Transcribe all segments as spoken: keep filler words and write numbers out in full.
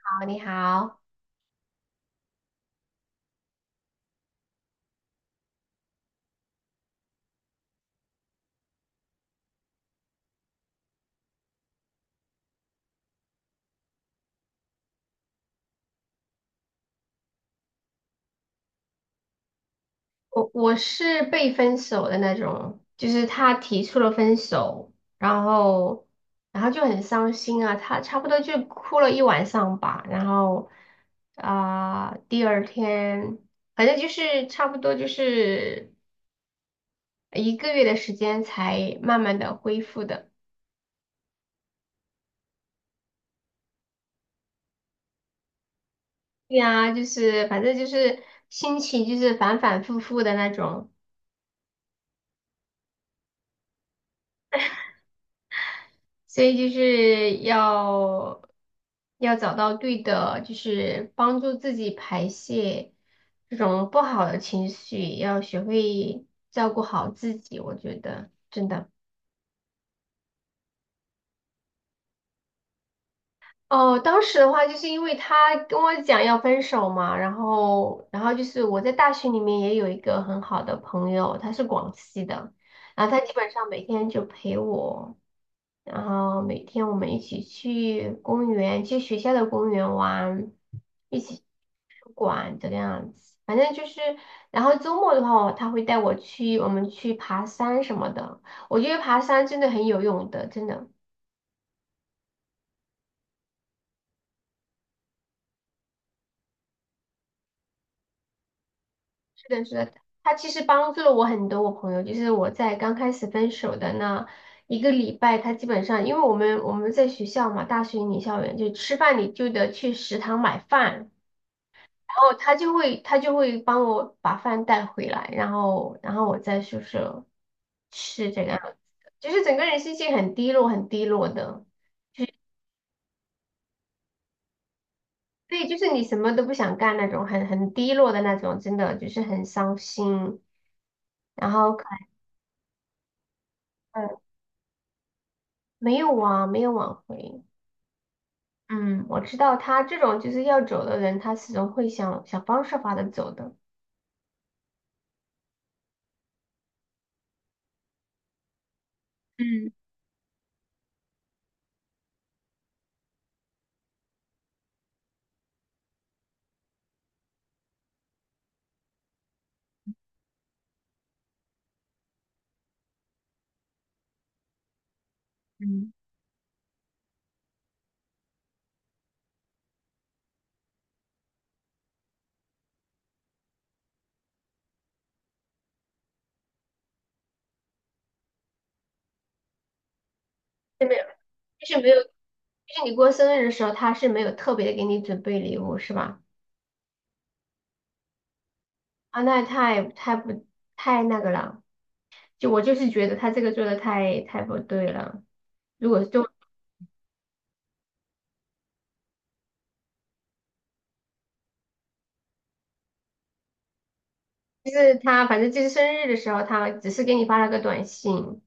好，你好，我我是被分手的那种，就是他提出了分手，然后然后就很伤心啊，他差不多就哭了一晚上吧，然后啊、第二天反正就是差不多就是一个月的时间才慢慢的恢复的，对呀、就是反正就是心情就是反反复复的那种。所以就是要要找到对的，就是帮助自己排泄这种不好的情绪，要学会照顾好自己，我觉得真的。哦，当时的话，就是因为他跟我讲要分手嘛，然后，然后就是我在大学里面也有一个很好的朋友，他是广西的，然后他基本上每天就陪我，然后每天我们一起去公园，去学校的公园玩，一起去图书馆这个样子，反正就是，然后周末的话，他会带我去，我们去爬山什么的，我觉得爬山真的很有用的，真的。是的，是的，他其实帮助了我很多。我朋友就是我在刚开始分手的那一个礼拜，他基本上因为我们我们在学校嘛，大学女校园就吃饭，你就得去食堂买饭，然后他就会他就会帮我把饭带回来，然后然后我在宿舍吃这个样子，就是整个人心情很低落，很低落的。对，就是你什么都不想干那种，很很低落的那种，真的就是很伤心，然后可能没有啊，没有挽回。嗯，我知道他这种就是要走的人，他始终会想想方设法的走的，嗯嗯，就是没有，就是你过生日的时候，他是没有特别的给你准备礼物，是吧？啊，那太太不太那个了，就我就是觉得他这个做的太太不对了。如果就就是他，反正就是生日的时候，他只是给你发了个短信，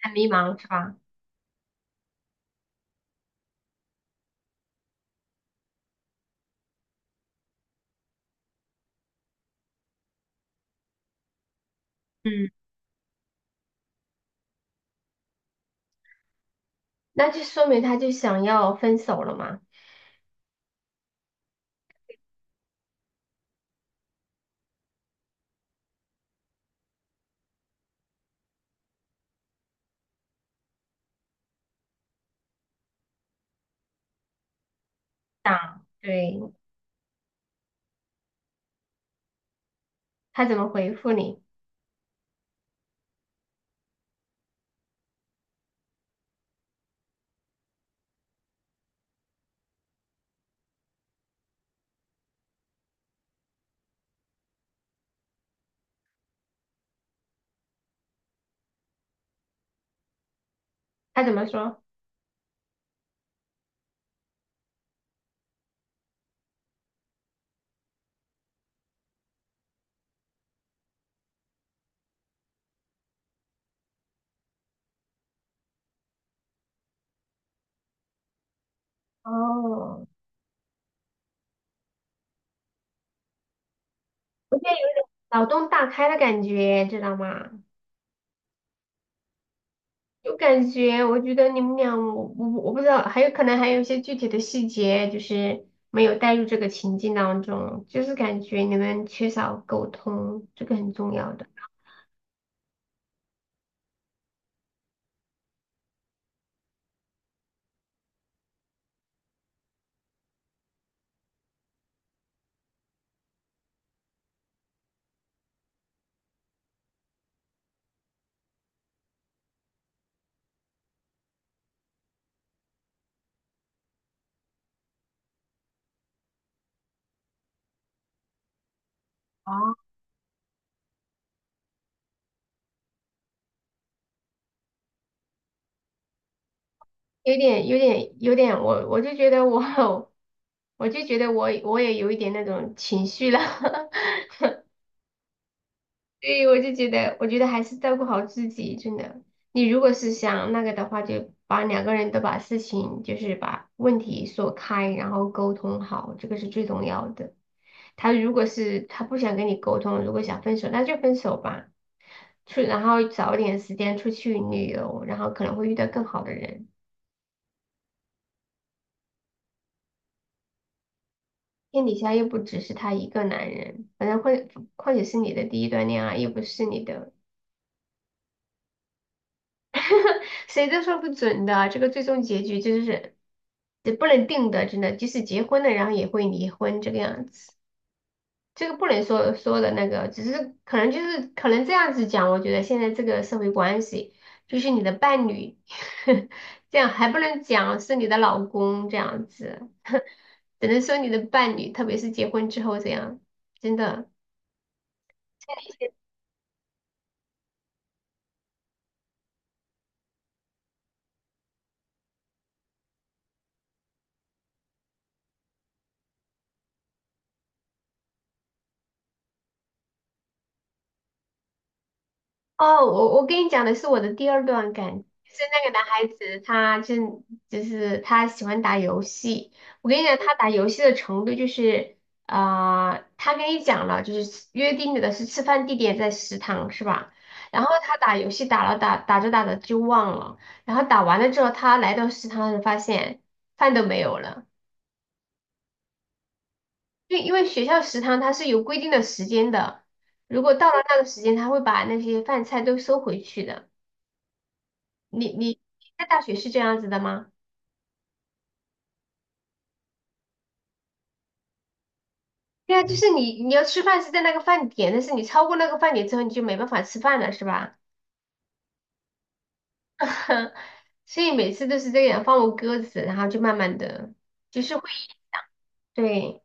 很迷茫，是吧？嗯，那就说明他就想要分手了嘛？想，对，他怎么回复你？他怎么说？哦，有点脑洞大开的感觉，知道吗？有感觉，我觉得你们俩，我我我不知道，还有可能还有一些具体的细节，就是没有带入这个情境当中，就是感觉你们缺少沟通，这个很重要的。有点，有点，有点，我我就觉得我，我就觉得我我也有一点那种情绪了。对，我就觉得，我觉得还是照顾好自己，真的。你如果是想那个的话，就把两个人都把事情，就是把问题说开，然后沟通好，这个是最重要的。他如果是他不想跟你沟通，如果想分手，那就分手吧。出，然后找点时间出去旅游，然后可能会遇到更好的人。天底下又不只是他一个男人，反正会，况且是你的第一段恋爱，又不是你的。谁都说不准的，这个最终结局就是也不能定的，真的，即使结婚了，然后也会离婚这个样子，这个不能说说的那个，只是可能就是可能这样子讲，我觉得现在这个社会关系就是你的伴侣，这样还不能讲是你的老公这样子，只能说你的伴侣，特别是结婚之后这样，真的。哦，我我跟你讲的是我的第二段感情，就是那个男孩子，他真就是他喜欢打游戏。我跟你讲，他打游戏的程度就是，啊，他跟你讲了，就是约定的是吃饭地点在食堂是吧？然后他打游戏打了打打着打着就忘了，然后打完了之后，他来到食堂时发现饭都没有了，因因为学校食堂它是有规定的时间的，如果到了那个时间，他会把那些饭菜都收回去的。你你在大学是这样子的吗？对啊，就是你你要吃饭是在那个饭点，但是你超过那个饭点之后，你就没办法吃饭了，是吧？所以每次都是这样放我鸽子，然后就慢慢的，就是会对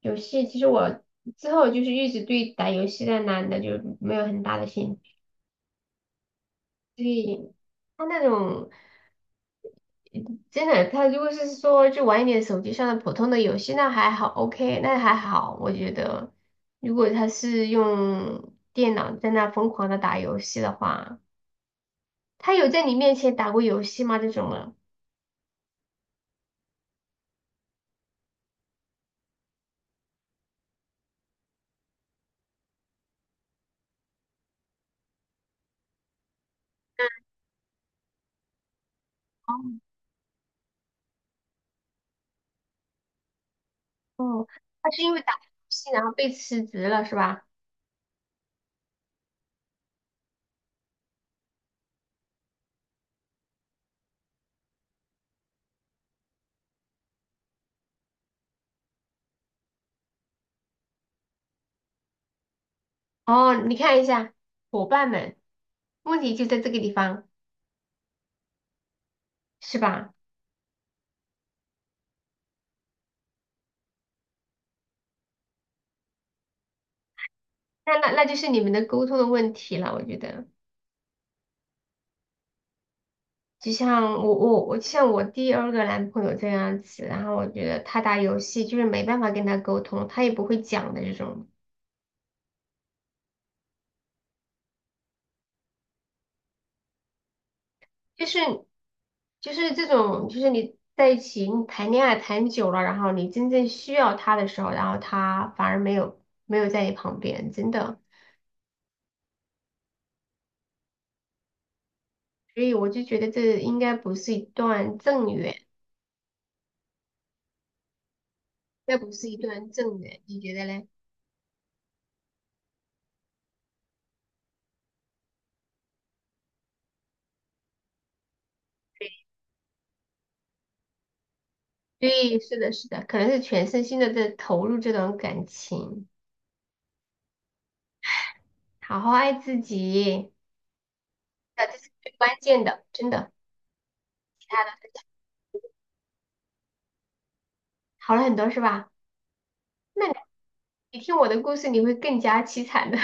游戏。其实我之后就是一直对打游戏的男的就没有很大的兴趣，所以他那种。真的，他如果是说就玩一点手机上的普通的游戏，那还好，OK，那还好。我觉得，如果他是用电脑在那疯狂的打游戏的话，他有在你面前打过游戏吗？这种的？哦，他是因为打游戏然后被辞职了是吧？哦，你看一下伙伴们，问题就在这个地方是吧？那那那就是你们的沟通的问题了，我觉得。就像我我我就像我第二个男朋友这样子，然后我觉得他打游戏就是没办法跟他沟通，他也不会讲的这种，就是就是这种，就是你在一起你谈恋爱谈久了，然后你真正需要他的时候，然后他反而没有没有在你旁边，真的，所以我就觉得这应该不是一段正缘，应该不是一段正缘，你觉得嘞？对，是的，是的，可能是全身心的在投入这段感情，好好爱自己。的，这是最关键的，真的，其他的好了很多是吧？那你听我的故事，你会更加凄惨的，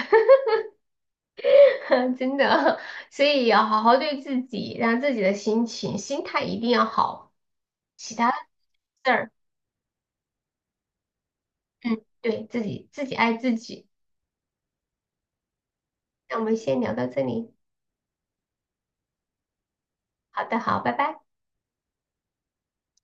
真的。所以要好好对自己，让自己的心情、心态一定要好，其他的事儿，嗯，对，自己自己爱自己。那我们先聊到这里，好的，好，拜拜。